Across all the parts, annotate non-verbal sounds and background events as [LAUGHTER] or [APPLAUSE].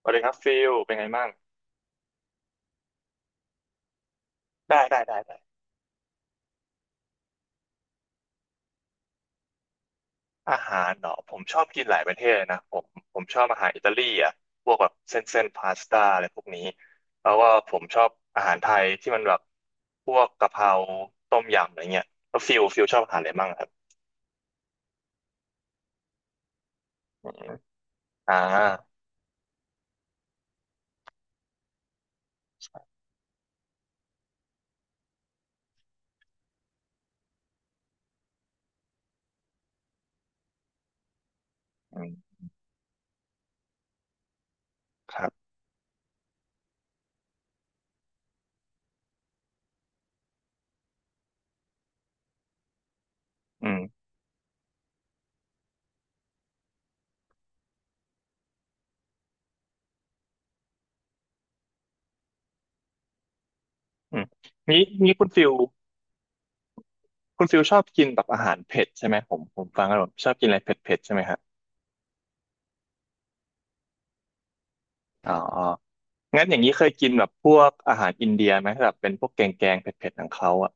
สวัสดีครับฟิลเป็นไงบ้างได้ได้ได้ได้อาหารเนาะผมชอบกินหลายประเทศเลยนะผมชอบอาหารอิตาลีอ่ะพวกแบบเส้นพาสต้าอะไรพวกนี้แล้วว่าผมชอบอาหารไทยที่มันแบบพวกกะเพราต้มยำอะไรเงี้ยแล้วฟิลชอบอาหารอะไรบ้างครับอืมอ่าอืมครับอืมอืมนี้คุณฟิลชอบกินแบบอาหารเผ็ดใช่ไหมผมฟังแล้วผมชอบกินอะไรเผ็ดเผ็ดใช่ไหมฮะอ๋อ งั้นอย่างนี้เคยกินแบบพวกอาหารอินเดียไหมแบบเป็นพวกแกงเผ็ดๆของเขาอ่ะ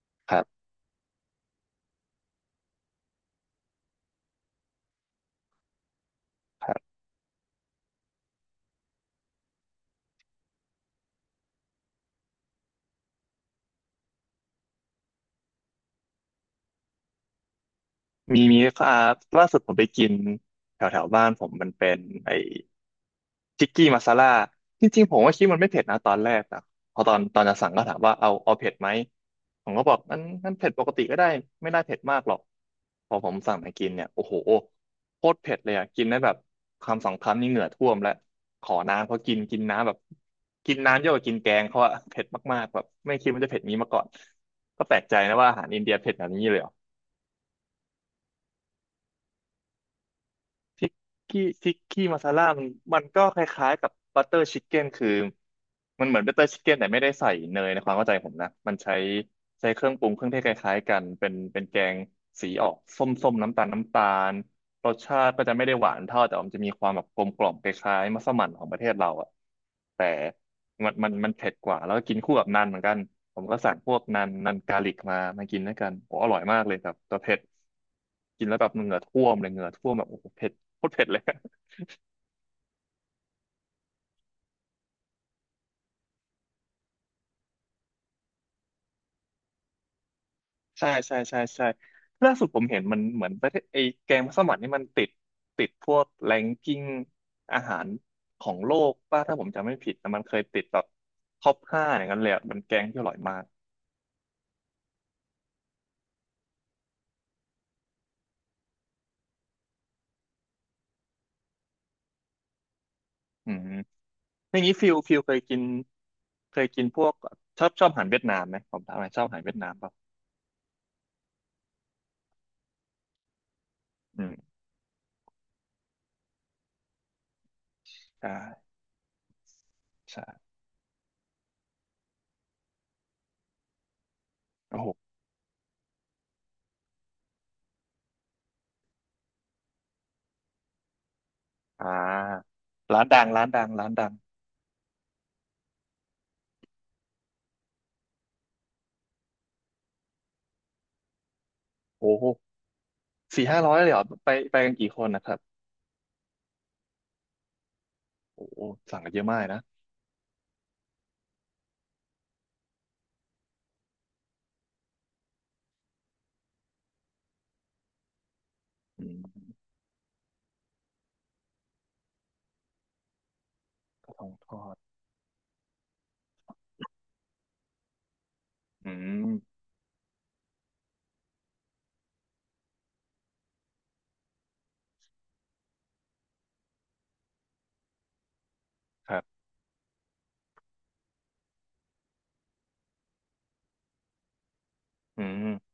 [LAUGHS] ครับครับมีมีอ่าล่าสุดผมไปกินแถวแถวบ้านผมมันเป็นไอ ทิกกี้มาซาล่าจริงๆผมก็คิดมันไม่เผ็ดนะตอนแรกแต่พอตอนจะสั่งก็ถามว่าเอาเผ็ดไหมผมก็บอกนั้นเผ็ดปกติก็ได้ไม่ได้เผ็ดมากหรอก พอผมสั่งไปกินเนี่ยโอ้โหโคตรเผ็ดเลยอ่ะกินได้แบบคำสองคำนี่เหงื่อท่วมแล้วขอน้ำเขากินกินน้ำแบบกินน้ำเยอะกว่ากินแกงเขาอะเผ็ดมากๆแบบไม่คิดมันจะเผ็ดนี้มาก่อนก็แปลกใจนะว่าอาหารอินเดียเผ็ดแบบนี้เลยเหรอ ทิกทิกกี้มาซาล่ามันก็คล้ายๆกับบัตเตอร์ชิคเก้นคือมันเหมือนบัตเตอร์ชิคเก้นแต่ไม่ได้ใส่เนยในความเข้าใจผมนะมันใช้เครื่องปรุงเครื่องเทศคล้ายๆกันเป็นแกงสีออกส้มๆน้ำตาลรสชาติก็จะไม่ได้หวานเท่าแต่มันจะมีความแบบกลมกล่อมคล้ายๆมัสมั่นของประเทศเราอะแต่มันเผ็ดกว่าแล้วก็กินคู่กับนันเหมือนกันผมก็สั่งพวกนันกาลิกมากินด้วยกันโอ้อร่อยมากเลยครับตัวเผ็ดกินแล้วแบบเหงื่อท่วมเลยเหงื่อท่วมแบบโอ้โหเผ็ด โคตรเผ็ดเลย [LAUGHS] ใช่ใช่ใช่ใช่ล่าสุดผมเห็นมันเหมือนประเทศไอ้แกงมัสมั่นนี่มันติดพวกแรงกิ้งอาหารของโลกป่ะถ้าผมจำไม่ผิดแต่มันเคยติดแบบท็อปห้าอย่างนั้นเลยอะมันแกงที่อร่อยมากอืมอย่างนี้ฟิลเคยกินพวกชอบอาหารเวียดนามไหมผมถามหน่อยชอบอาหารเวียดนามป่ะอืมใช่ใช่โอ้โหอ่าร้านดังร้านดังร้านดังโอ้โหสี่ห้าร้อยเลยเหรอไปกันกี่คนนะครับโอ้โหสั่งกันเยอะมากนะอืม ของทอดอืมครับอืม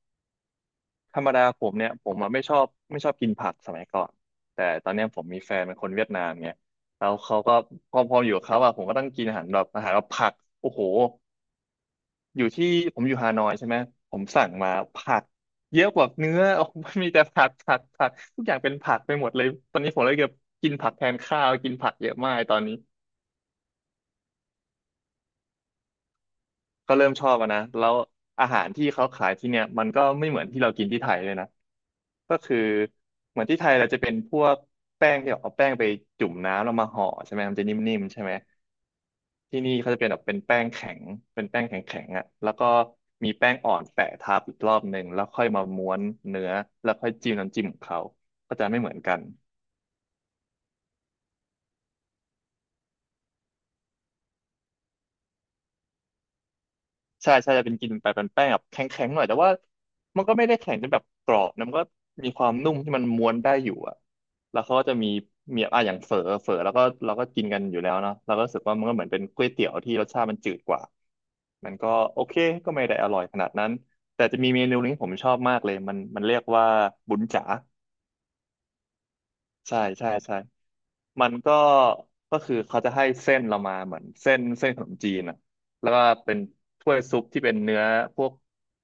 ธรรมดาผมเนี่ยผมอะไม่ชอบกินผักสมัยก่อนแต่ตอนเนี้ยผมมีแฟนเป็นคนเวียดนามไงแล้วเขาก็พออยู่กับเขาอะผมก็ต้องกินอาหารแบบผักโอ้โหอยู่ที่ผมอยู่ฮานอยใช่ไหมผมสั่งมาผักเยอะกว่าเนื้อ [LAUGHS] โอ้โหมันมีแต่ผักผักผักทุกอย่างเป็นผักไปหมดเลยตอนนี้ผมเลยเกือบกินผักแทนข้าวกินผักเยอะมากตอนนี้ ก็เริ่มชอบอะนะแล้วอาหารที่เขาขายที่เนี่ยมันก็ไม่เหมือนที่เรากินที่ไทยเลยนะก็คือเหมือนที่ไทยเราจะเป็นพวกแป้งที่เอาแป้งไปจุ่มน้ำแล้วมาห่อใช่ไหมมันจะนิ่มๆใช่ไหมที่นี่เขาจะเป็นแบบเป็นแป้งแข็งเป็นแป้งแข็งๆอ่ะแล้วก็มีแป้งอ่อนแปะทับอีกรอบหนึ่งแล้วค่อยมาม้วนเนื้อแล้วค่อยจิ้มน้ำจิ้มของเขาก็จะไม่เหมือนกัน ใช่ใช่จะเป็นกินไปเป็นแป้งแบบแข็งๆหน่อยแต่ว่ามันก็ไม่ได้แข็งจนแบบกรอบนะมันก็มีความนุ่มที่มันม้วนได้อยู่อะแล้วเขาก็จะมีอ่ะอย่างเฝอแล้วก็เราก็กินกันอยู่แล้วเนาะเราก็รู้สึกว่ามันก็เหมือนเป็นก๋วยเตี๋ยวที่รสชาติมันจืดกว่ามันก็โอเคก็ไม่ได้อร่อยขนาดนั้นแต่จะมีเมนูหนึงที่ผมชอบมากเลยมันเรียกว่าบุญจ๋าใช่ใช่ใช่ มันก็คือเขาจะให้เส้นเรามาเหมือนเส้นขนมจีนอ่ะแล้วก็เป็นถ้วยซุปที่เป็นเนื้อพวก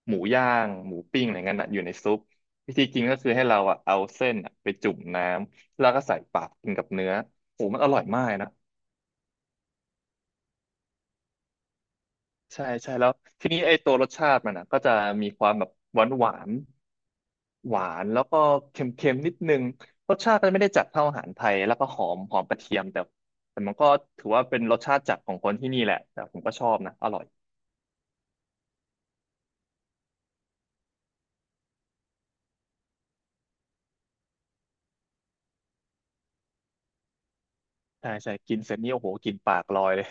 หมูย่างหมูปิ้งอะไรเงี้ยน่ะอยู่ในซุปวิธีกินก็คือให้เราอ่ะเอาเส้นอะไปจุ่มน้ำแล้วก็ใส่ปากกินกับเนื้อโอ้มันอร่อยมากนะ ใช่ใช่แล้วทีนี้ไอ้ตัวรสชาติมันอ่ะก็จะมีความแบบหวานหวานหวานแล้วก็เค็มเค็มนิดนึงรสชาติมันไม่ได้จัดเท่าอาหารไทยแล้วก็หอมหอมกระเทียมแต่มันก็ถือว่าเป็นรสชาติจัดของคนที่นี่แหละแต่ผมก็ชอบนะอร่อยใช่ใช่กินเสร็จนี่โอ้โหกลินปากลอยเลย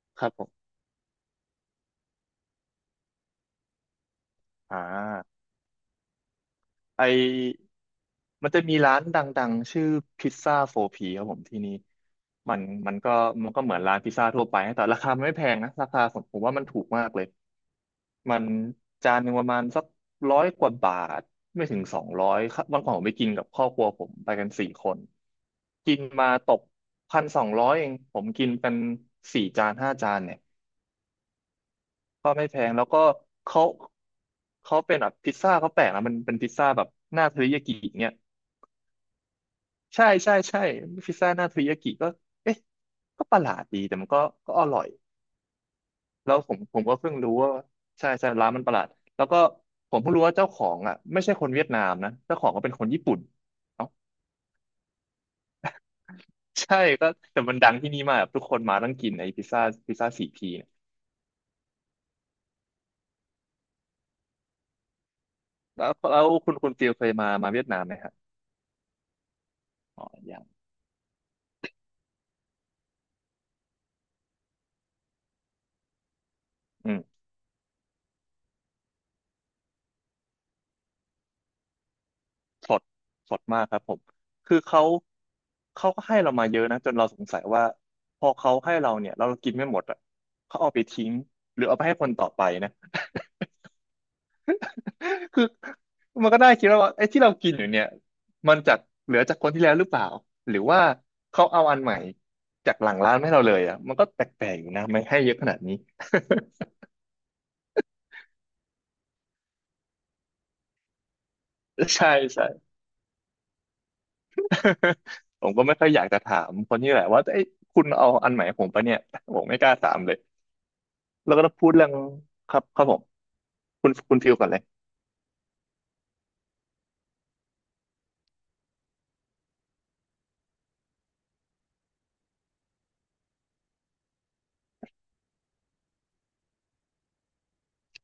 [LAUGHS] ครับผมอ่าไอมันจะมีร้านดังๆชื่อพิซซ่าโฟพีครับผมที่นี่มันมันก็มันก็เหมือนร้านพิซซ่าทั่วไปนะแต่ราคามันไม่แพงนะราคาผมว่ามันถูกมากเลย มันจานหนึ่งประมาณสัก100 กว่าบาทไม่ถึงสองร้อยวันก่อนผมไปกินกับครอบครัวผมไปกัน4 คนกินมาตก1,200เองผมกินเป็น4 จาน5 จานเนี่ยก็ไม่แพงแล้วก็เขาเขาเป็นแบบพิซซ่าเขาแปลกนะมันเป็นพิซซ่าแบบหน้าเทริยากิเนี่ยใช่ใช่ใช่พิซซ่าหน้าเทริยากิก็เอ๊ะก็ประหลาดดีแต่มันก็อร่อย แล้วผมก็เพิ่งรู้ว่าใช่ใช่ร้านมันประหลาดแล้วก็ผมเพิ่งรู้ว่าเจ้าของอ่ะไม่ใช่คนเวียดนามนะเจ้าของก็เป็นคนญี่ปุ่นเอ้าใช่ก็แต่มันดังที่นี่มากทุกคนมาต้องกินไอ้พิซซ่าสี่พีเนี่ยแล้วคุณฟิลเคยมาเวียดนามไหมฮะอ๋ออย่างอืมสดสดมากครับผมคือเขาก็ให้เรามาเยอะนะจนเราสงสัยว่าพอเขาให้เราเนี่ยเรากินไม่หมดอ่ะเขาเอาไปทิ้งหรือเอาไปให้คนต่อไปนะ คือมันก็ได้คิดแล้วว่าไอ้ที่เรากินอยู่เนี่ยมันจากเหลือจากคนที่แล้วหรือเปล่าหรือว่าเขาเอาอันใหม่จากหลังร้านให้เราเลยอ่ะมันก็แปลกๆอยู่นะไม่ให้เยอะขนาดนี้ [LAUGHS] ใช่ใช่ [LAUGHS] ผมก็ไม่ค่อยอยากจะถามคนที่แหละว่าไอ้ยคุณเอาอันใหม่ให้ผมปะเนี่ยผมไม่กล้าถามเลยแล้วก็ต้องพูดเรื่องครับครับผมคุณฟิลก่อนเลย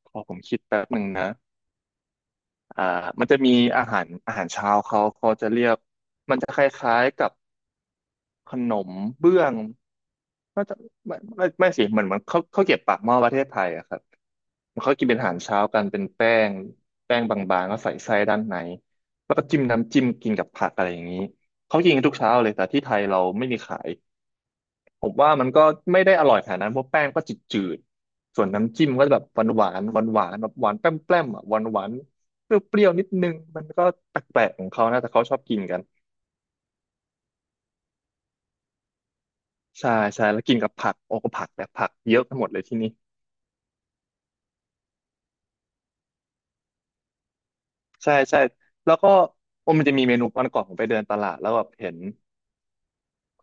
ขอผมคิดแป๊บหนึ่งนะอ่ามันจะมีอาหารเช้าเขาจะเรียกมันจะคล้ายๆกับขนมเบื้อง ก็จะไม่ไม่ไม่สิเหมือนมันเขาวเก็ียบปากหม้อประเทศไทยอะครับมันเขากินเป็นอาหารเช้ากันเป็นแป้งบางๆก็ใส่ไส้ด้านในแล้วก็จิ้มน้ำจิ้มกินกับผักอะไรอย่างนี้เขากินกันทุกเช้าเลยแต่ที่ไทยเราไม่มีขายผมว่ามันก็ไม่ได้อร่อยขนาดนั้นเพราะแป้งก็จืดๆส่วนน้ำจิ้มก็แบบหวานหวานหวานหวานๆแบบหวานแป้มแป้มอะหวานหวานเปรี้ยวๆนิดนึงมันก็แปลกๆของเขานะแต่เขาชอบกินกันใช่ใช่แล้วกินกับผักโอ้ก็ผักแต่ผักเยอะไปหมดเลยที่นี่ ใช่ใช่แล้วก็โอ้มันจะมีเมนูวันก่อนผมไปเดินตลาดแล้วแบบเห็น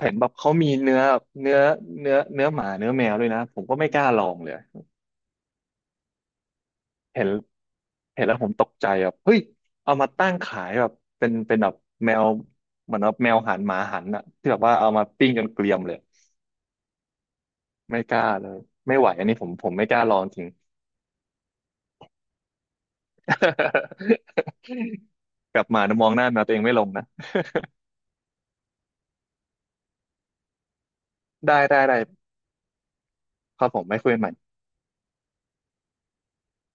เห็นแบบเขามีเนื้อเนื้อหมาเนื้อแมวด้วยนะผมก็ไม่กล้าลองเลยเห็นเห็นแล้วผมตกใจแบบเฮ้ยเอามาตั้งขายแบบเป็นแบบแมวเหมือนแบบแมวหันหมาหันอะที่แบบว่าเอามาปิ้งจนเกรียมเลยไม่กล้าเลยไม่ไหวอันนี้ผมไม่กล้าลองจริง [LAUGHS] กลับมานะมองหน้าแมวตัวเองไม่ลงนะได้ได้ได้ครับผมไม่คุยกันใหม่